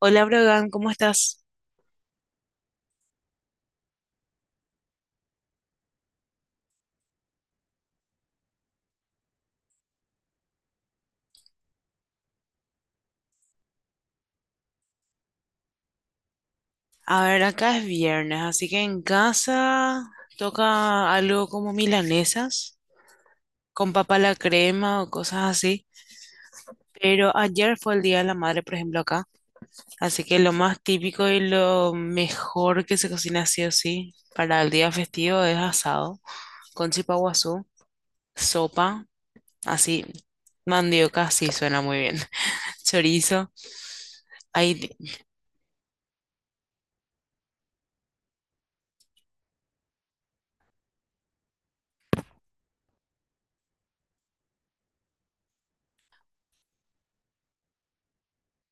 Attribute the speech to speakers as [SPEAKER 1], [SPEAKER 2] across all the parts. [SPEAKER 1] Hola, Brogan, ¿cómo estás? A ver, acá es viernes, así que en casa toca algo como milanesas, con papa a la crema o cosas así. Pero ayer fue el Día de la Madre, por ejemplo, acá. Así que lo más típico y lo mejor que se cocina sí o sí para el día festivo es asado, con chipaguazú, sopa, así, mandioca, sí suena muy bien, chorizo. Hay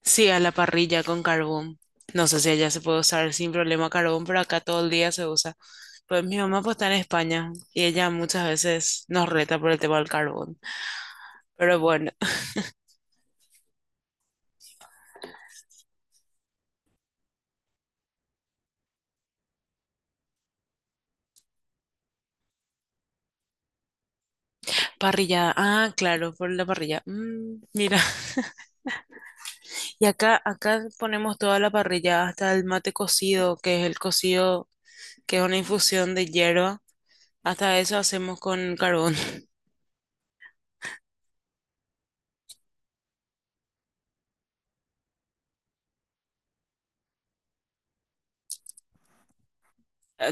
[SPEAKER 1] sí, a la parrilla con carbón. No sé si allá se puede usar sin problema carbón, pero acá todo el día se usa. Pues mi mamá pues está en España y ella muchas veces nos reta por el tema del carbón. Pero bueno, parrillada. Ah, claro, por la parrilla. Mm, mira, y acá ponemos toda la parrilla, hasta el mate cocido, que es el cocido, que es una infusión de hierba. Hasta eso hacemos con carbón.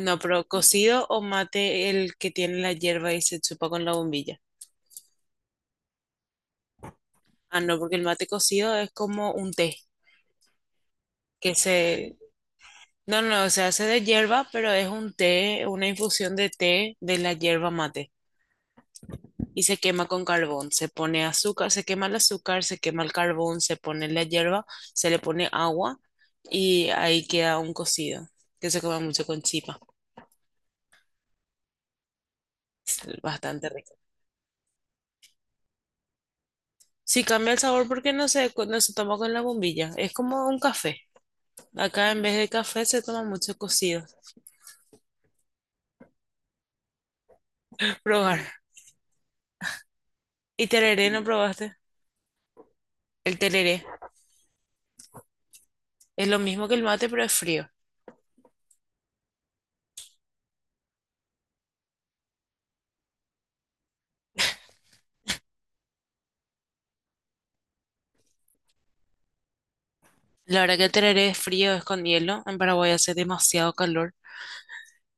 [SPEAKER 1] No, pero cocido o mate el que tiene la hierba y se chupa con la bombilla. Ah, no, porque el mate cocido es como un té, que se... No, no, no, se hace de hierba, pero es un té, una infusión de té de la hierba mate. Y se quema con carbón. Se pone azúcar, se quema el azúcar, se quema el carbón, se pone la hierba, se le pone agua y ahí queda un cocido, que se come mucho con chipa. Es bastante rico. Sí, cambia el sabor porque no se toma con la bombilla. Es como un café. Acá en vez de café se toma mucho cocido. Probar. ¿Y tereré no probaste? El tereré es lo mismo que el mate, pero es frío. La verdad que el tereré es frío, es con hielo. En Paraguay hace demasiado calor.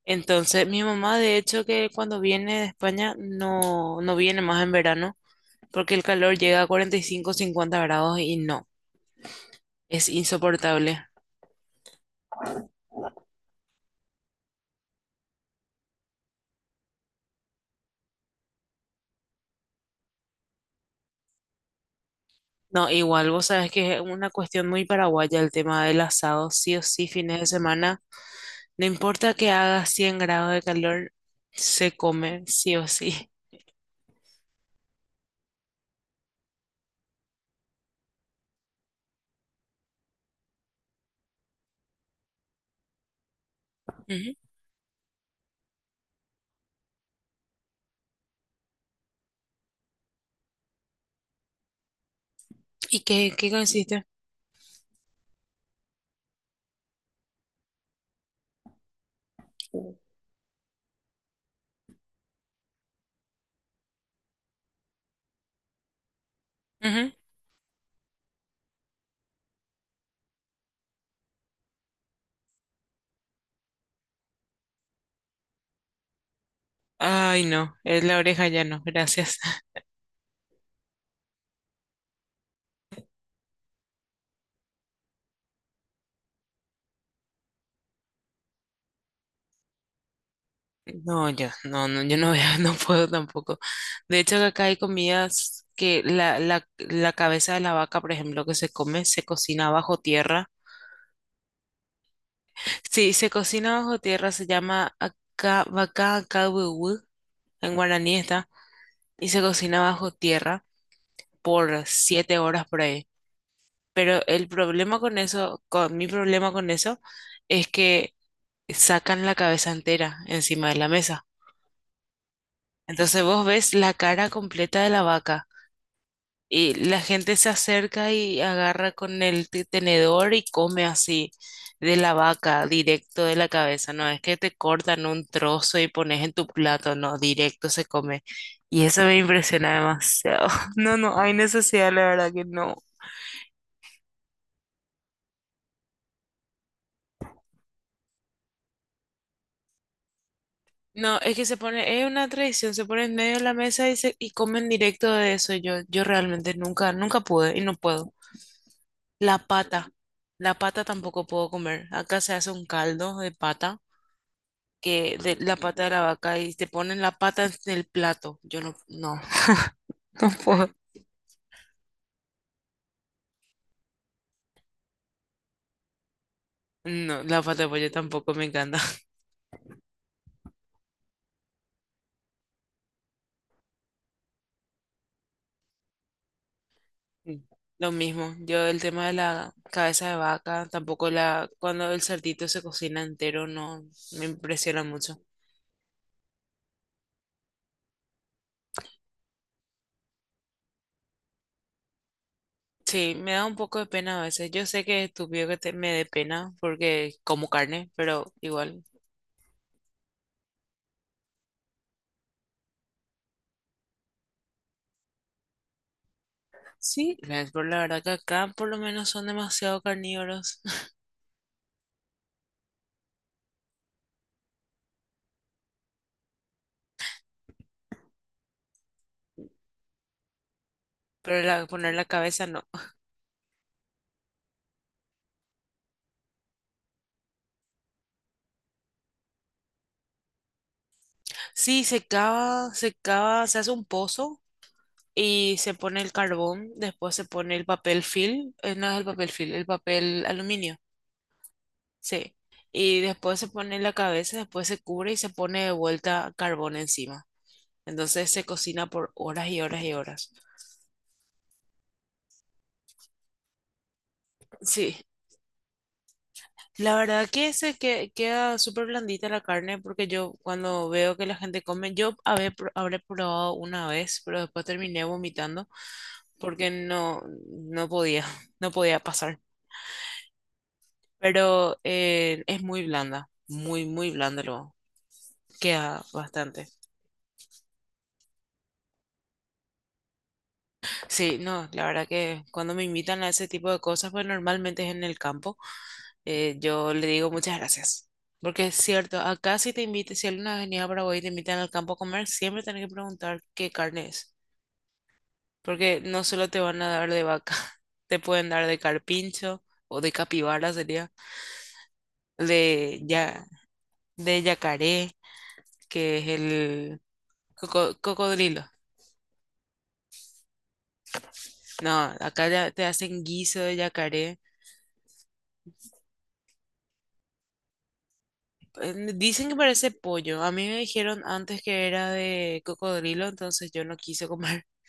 [SPEAKER 1] Entonces, mi mamá, de hecho, que cuando viene de España no, no viene más en verano, porque el calor llega a 45, 50 grados y no, es insoportable. No, igual, vos sabes que es una cuestión muy paraguaya el tema del asado, sí o sí, fines de semana. No importa que haga 100 grados de calor, se come, sí o sí. Ujú. ¿Y qué consiste? Ay, no, es la oreja ya no, gracias. No, yo no veo, no puedo tampoco. De hecho, acá hay comidas que la cabeza de la vaca, por ejemplo, que se come, se cocina bajo tierra. Sí, se cocina bajo tierra, se llama acá, vaca kawiwi, en guaraní está, y se cocina bajo tierra por 7 horas por ahí. Pero el problema con eso, con mi problema con eso, es que sacan la cabeza entera encima de la mesa. Entonces vos ves la cara completa de la vaca y la gente se acerca y agarra con el tenedor y come así de la vaca, directo de la cabeza. No es que te cortan un trozo y pones en tu plato, no, directo se come. Y eso me impresiona demasiado. No, no, hay necesidad, la verdad que no. No, es que se pone, es una tradición, se pone en medio de la mesa y comen directo de eso. Yo realmente nunca, nunca pude y no puedo. La pata, la pata tampoco puedo comer. Acá se hace un caldo de pata, que de la pata de la vaca y te ponen la pata en el plato. Yo no, no, no puedo. No, la pata de pollo tampoco me encanta. Mm. Lo mismo, yo el tema de la cabeza de vaca, tampoco la, cuando el cerdito se cocina entero, no, me impresiona mucho. Sí, me da un poco de pena a veces. Yo sé que es estúpido que me dé pena porque como carne, pero igual. Sí, gracias por la verdad que acá por lo menos son demasiado carnívoros, pero la- poner la cabeza no. Sí, se cava, se cava, se hace un pozo y se pone el carbón, después se pone el papel film, no es el papel film, el papel aluminio, sí. Y después se pone la cabeza, después se cubre y se pone de vuelta carbón encima. Entonces se cocina por horas y horas y horas. Sí, la verdad que se queda súper blandita la carne porque yo cuando veo que la gente come, yo habré probado una vez, pero después terminé vomitando porque no podía, no podía pasar. Pero es muy blanda, muy, muy blanda lo queda bastante. Sí, no, la verdad que cuando me invitan a ese tipo de cosas, pues normalmente es en el campo. Eh, yo le digo muchas gracias. Porque es cierto, acá si te invitan, si alguna avenida a Paraguay y te invitan al campo a comer, siempre tenés que preguntar qué carne es. Porque no solo te van a dar de vaca, te pueden dar de carpincho o de capibara sería, de, ya, de yacaré, que es el cocodrilo. No, acá ya te hacen guiso de yacaré. Dicen que parece pollo. A mí me dijeron antes que era de cocodrilo, entonces yo no quise comer.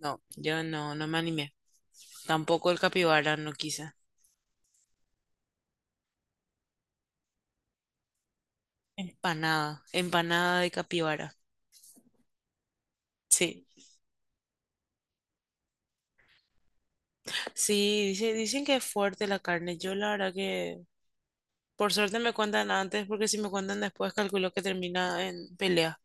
[SPEAKER 1] No, yo no me animé. Tampoco el capibara, no quise. Empanada, empanada de capibara. Sí, sí, dicen que es fuerte la carne. Yo la verdad que por suerte me cuentan antes, porque si me cuentan después, calculo que termina en pelea.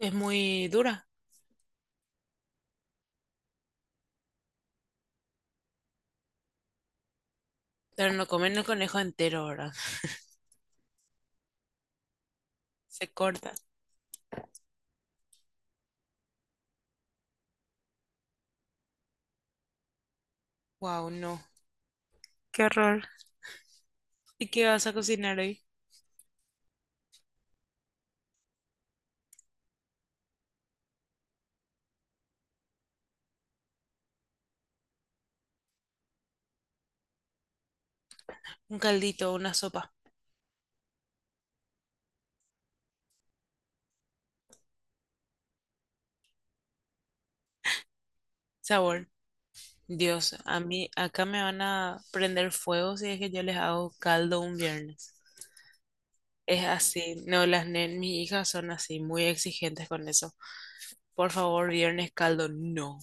[SPEAKER 1] Es muy dura, pero no comen el conejo entero ahora. Se corta. Wow, no. Qué horror. ¿Y qué vas a cocinar hoy? Un caldito, una sopa. Sabor. Dios, a mí acá me van a prender fuego si es que yo les hago caldo un viernes. Es así, no, las nen, mis hijas son así, muy exigentes con eso. Por favor, viernes caldo, no.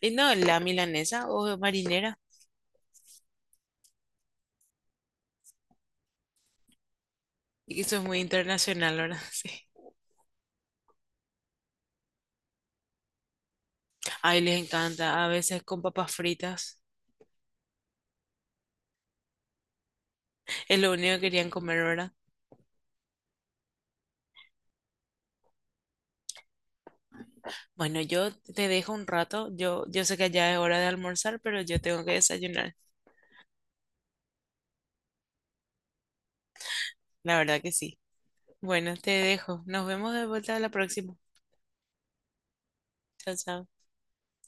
[SPEAKER 1] Y no, la milanesa o marinera, y eso es muy internacional, ¿verdad? Sí. Ay, les encanta, a veces con papas fritas, es lo único que querían comer, ¿verdad? Bueno, yo te dejo un rato, yo sé que ya es hora de almorzar, pero yo tengo que desayunar, la verdad que sí. Bueno, te dejo, nos vemos de vuelta a la próxima. Chao, chao.